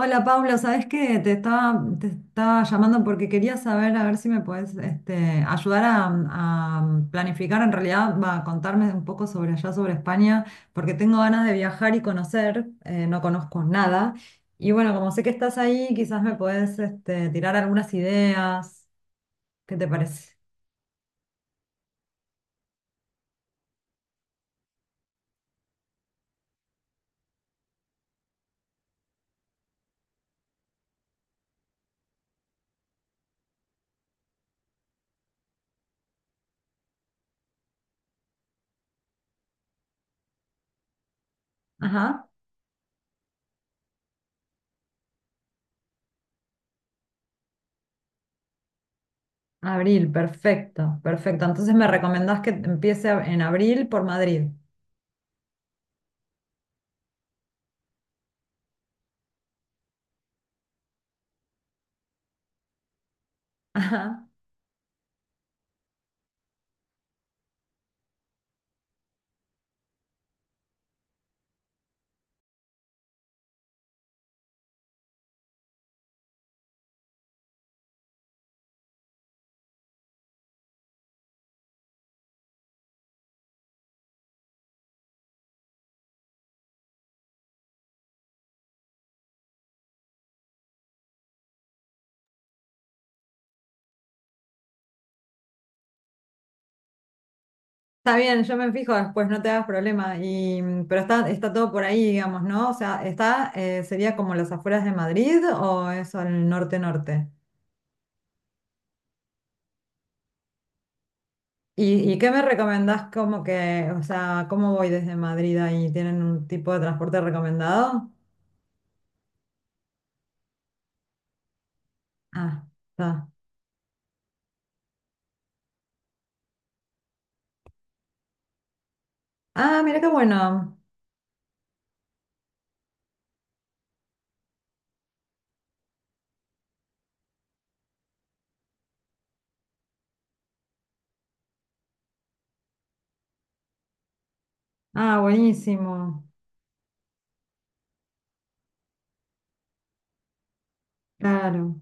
Hola Paula, ¿sabes qué? Te estaba llamando porque quería saber a ver si me puedes ayudar a planificar, en realidad, va, a contarme un poco sobre allá, sobre España, porque tengo ganas de viajar y conocer, no conozco nada. Y bueno, como sé que estás ahí, quizás me puedes tirar algunas ideas. ¿Qué te parece? Ajá, abril, perfecto, perfecto. Entonces me recomendás que en abril por Madrid. Ajá. Está bien, yo me fijo después, no te hagas problema. Y, pero está todo por ahí, digamos, ¿no? O sea, está, sería como las afueras de Madrid o eso el norte-norte. Y qué me recomendás como que, o sea, cómo voy desde Madrid ahí? ¿Tienen un tipo de transporte recomendado? Ah, está. Ah, mira qué bueno. Ah, buenísimo. Claro.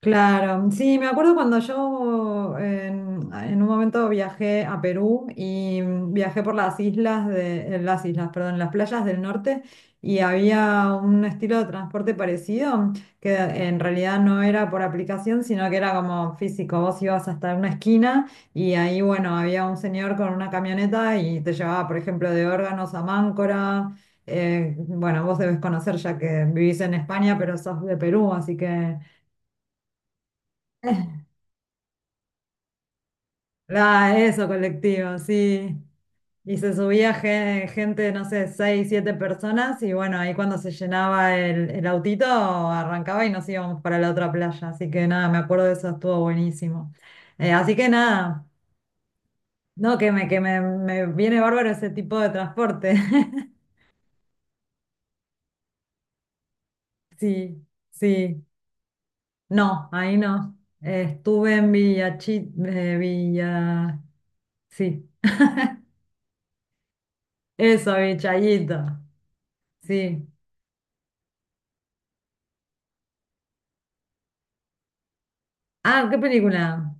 Claro, sí, me acuerdo cuando yo en un momento viajé a Perú y viajé por las islas de, las islas, perdón, las playas del norte y había un estilo de transporte parecido que en realidad no era por aplicación, sino que era como físico. Vos ibas hasta una esquina y ahí, bueno, había un señor con una camioneta y te llevaba, por ejemplo, de órganos a Máncora. Bueno, vos debes conocer ya que vivís en España, pero sos de Perú, así que La, eso, colectivo, sí. Y se subía gente, no sé, seis, siete personas y bueno, ahí cuando se llenaba el autito arrancaba y nos íbamos para la otra playa. Así que nada, me acuerdo de eso, estuvo buenísimo. Así que nada, no, me viene bárbaro ese tipo de transporte. Sí, sí. No, ahí no. Estuve en Villa... Sí, eso, Villachito. Sí. Ah, ¿qué película?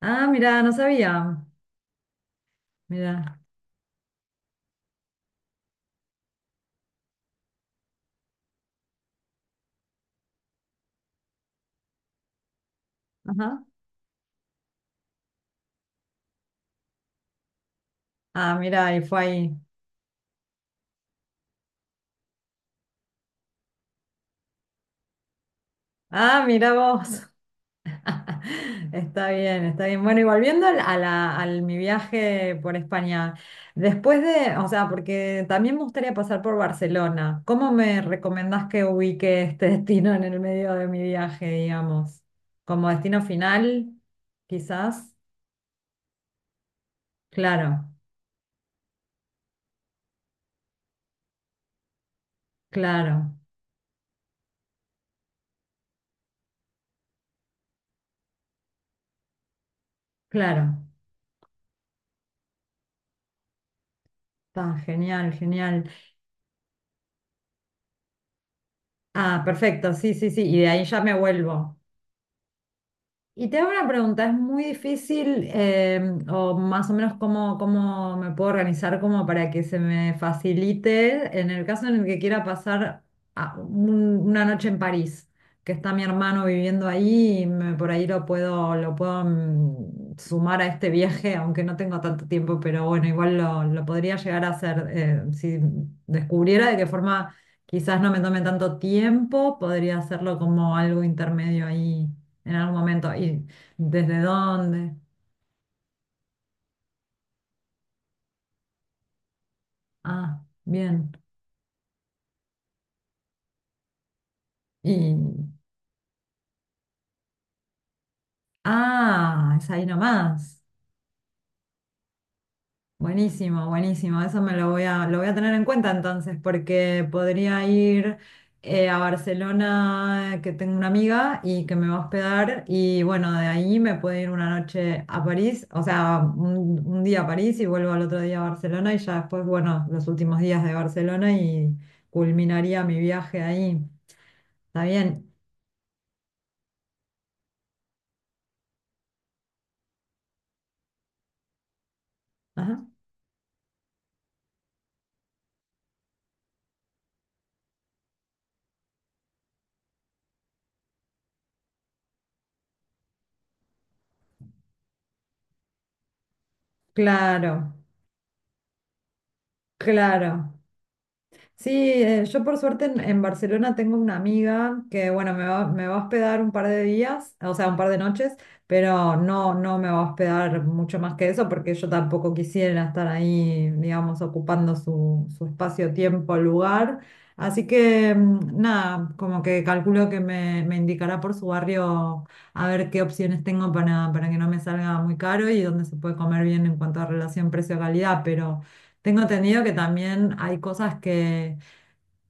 Ah, mira, no sabía. Mira. Ajá. Ah, mira, y fue ahí. Ah, mira vos. Está bien, está bien. Bueno, y volviendo al mi viaje por España, después de, o sea, porque también me gustaría pasar por Barcelona, ¿cómo me recomendás que ubique este destino en el medio de mi viaje, digamos? ¿Como destino final, quizás? Claro, claro, claro. Está genial, genial. Ah, perfecto, sí, sí, sí. Y de ahí ya me vuelvo. Y te hago una pregunta, ¿es muy difícil o más o menos cómo, cómo me puedo organizar como para que se me facilite en el caso en el que quiera pasar una noche en París, que está mi hermano viviendo ahí y por ahí lo puedo sumar a este viaje, aunque no tengo tanto tiempo, pero bueno, igual lo podría llegar a hacer si descubriera de qué forma quizás no me tome tanto tiempo, podría hacerlo como algo intermedio ahí en algún momento. ¿Y desde dónde? Ah, bien. Y, ah, es ahí nomás. Buenísimo, buenísimo. Eso me lo voy a tener en cuenta entonces, porque podría ir a Barcelona, que tengo una amiga y que me va a hospedar. Y bueno, de ahí me puedo ir una noche a París, o sea, un día a París y vuelvo al otro día a Barcelona. Y ya después, bueno, los últimos días de Barcelona y culminaría mi viaje ahí. ¿Está bien? Ajá. Claro, claro. Sí, yo por suerte en Barcelona tengo una amiga que, bueno, me va a hospedar un par de días, o sea, un par de noches, pero no, no me va a hospedar mucho más que eso porque yo tampoco quisiera estar ahí, digamos, ocupando su espacio, tiempo, lugar. Así que, nada, como que calculo que me indicará por su barrio a ver qué opciones tengo para que no me salga muy caro y dónde se puede comer bien en cuanto a relación precio-calidad, pero... Tengo entendido que también hay cosas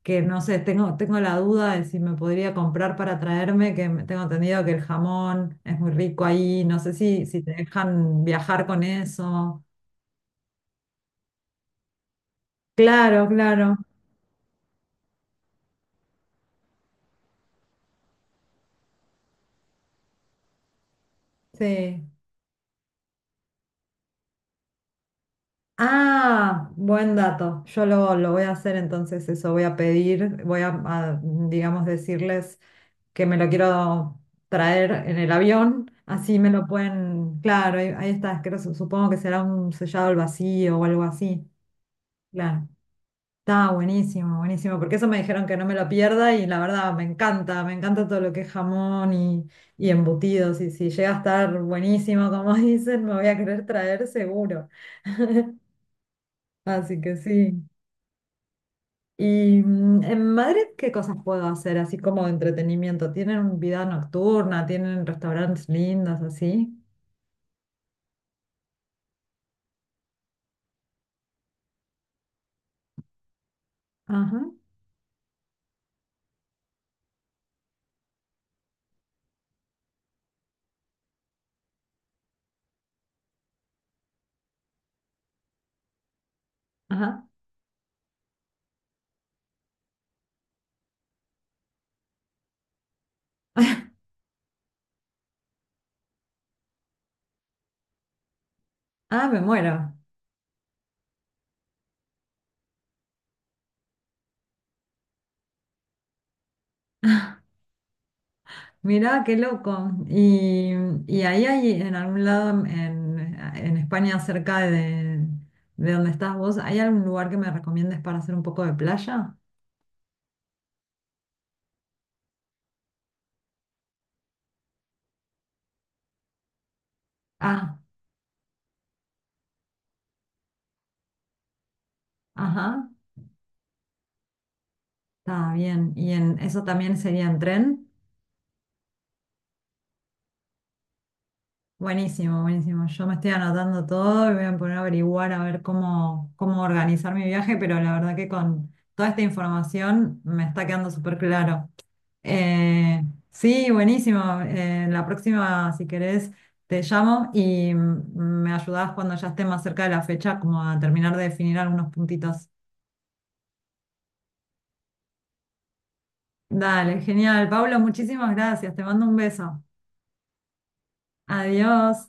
que no sé, tengo la duda de si me podría comprar para traerme, tengo entendido que el jamón es muy rico ahí, no sé si, si te dejan viajar con eso. Claro, claro, sí. Ah, buen dato. Lo voy a hacer entonces eso, voy a pedir, voy a, digamos, decirles. Que me lo quiero traer en el avión, así me lo pueden, claro, ahí, ahí está, supongo que será un sellado al vacío o algo así, claro. Está buenísimo, buenísimo, porque eso me dijeron que no me lo pierda y la verdad me encanta todo lo que es jamón y embutidos y si llega a estar buenísimo, como dicen, me voy a querer traer seguro. Así que sí. ¿Y en Madrid qué cosas puedo hacer así como de entretenimiento? ¿Tienen vida nocturna? ¿Tienen restaurantes lindos así? Ajá, ajá. Ah, me muero. Mirá, qué loco. Y ahí hay en algún lado en España, cerca de donde estás vos, ¿hay algún lugar que me recomiendes para hacer un poco de playa? Ah, ajá, está bien. ¿Y en eso también sería en tren? Buenísimo, buenísimo. Yo me estoy anotando todo y voy a poner a averiguar a ver cómo, cómo organizar mi viaje, pero la verdad que con toda esta información me está quedando súper claro. Eh, sí, buenísimo. La próxima, si querés, te llamo y me ayudás cuando ya esté más cerca de la fecha, como a terminar de definir algunos puntitos. Dale, genial. Pablo, muchísimas gracias. Te mando un beso. Adiós.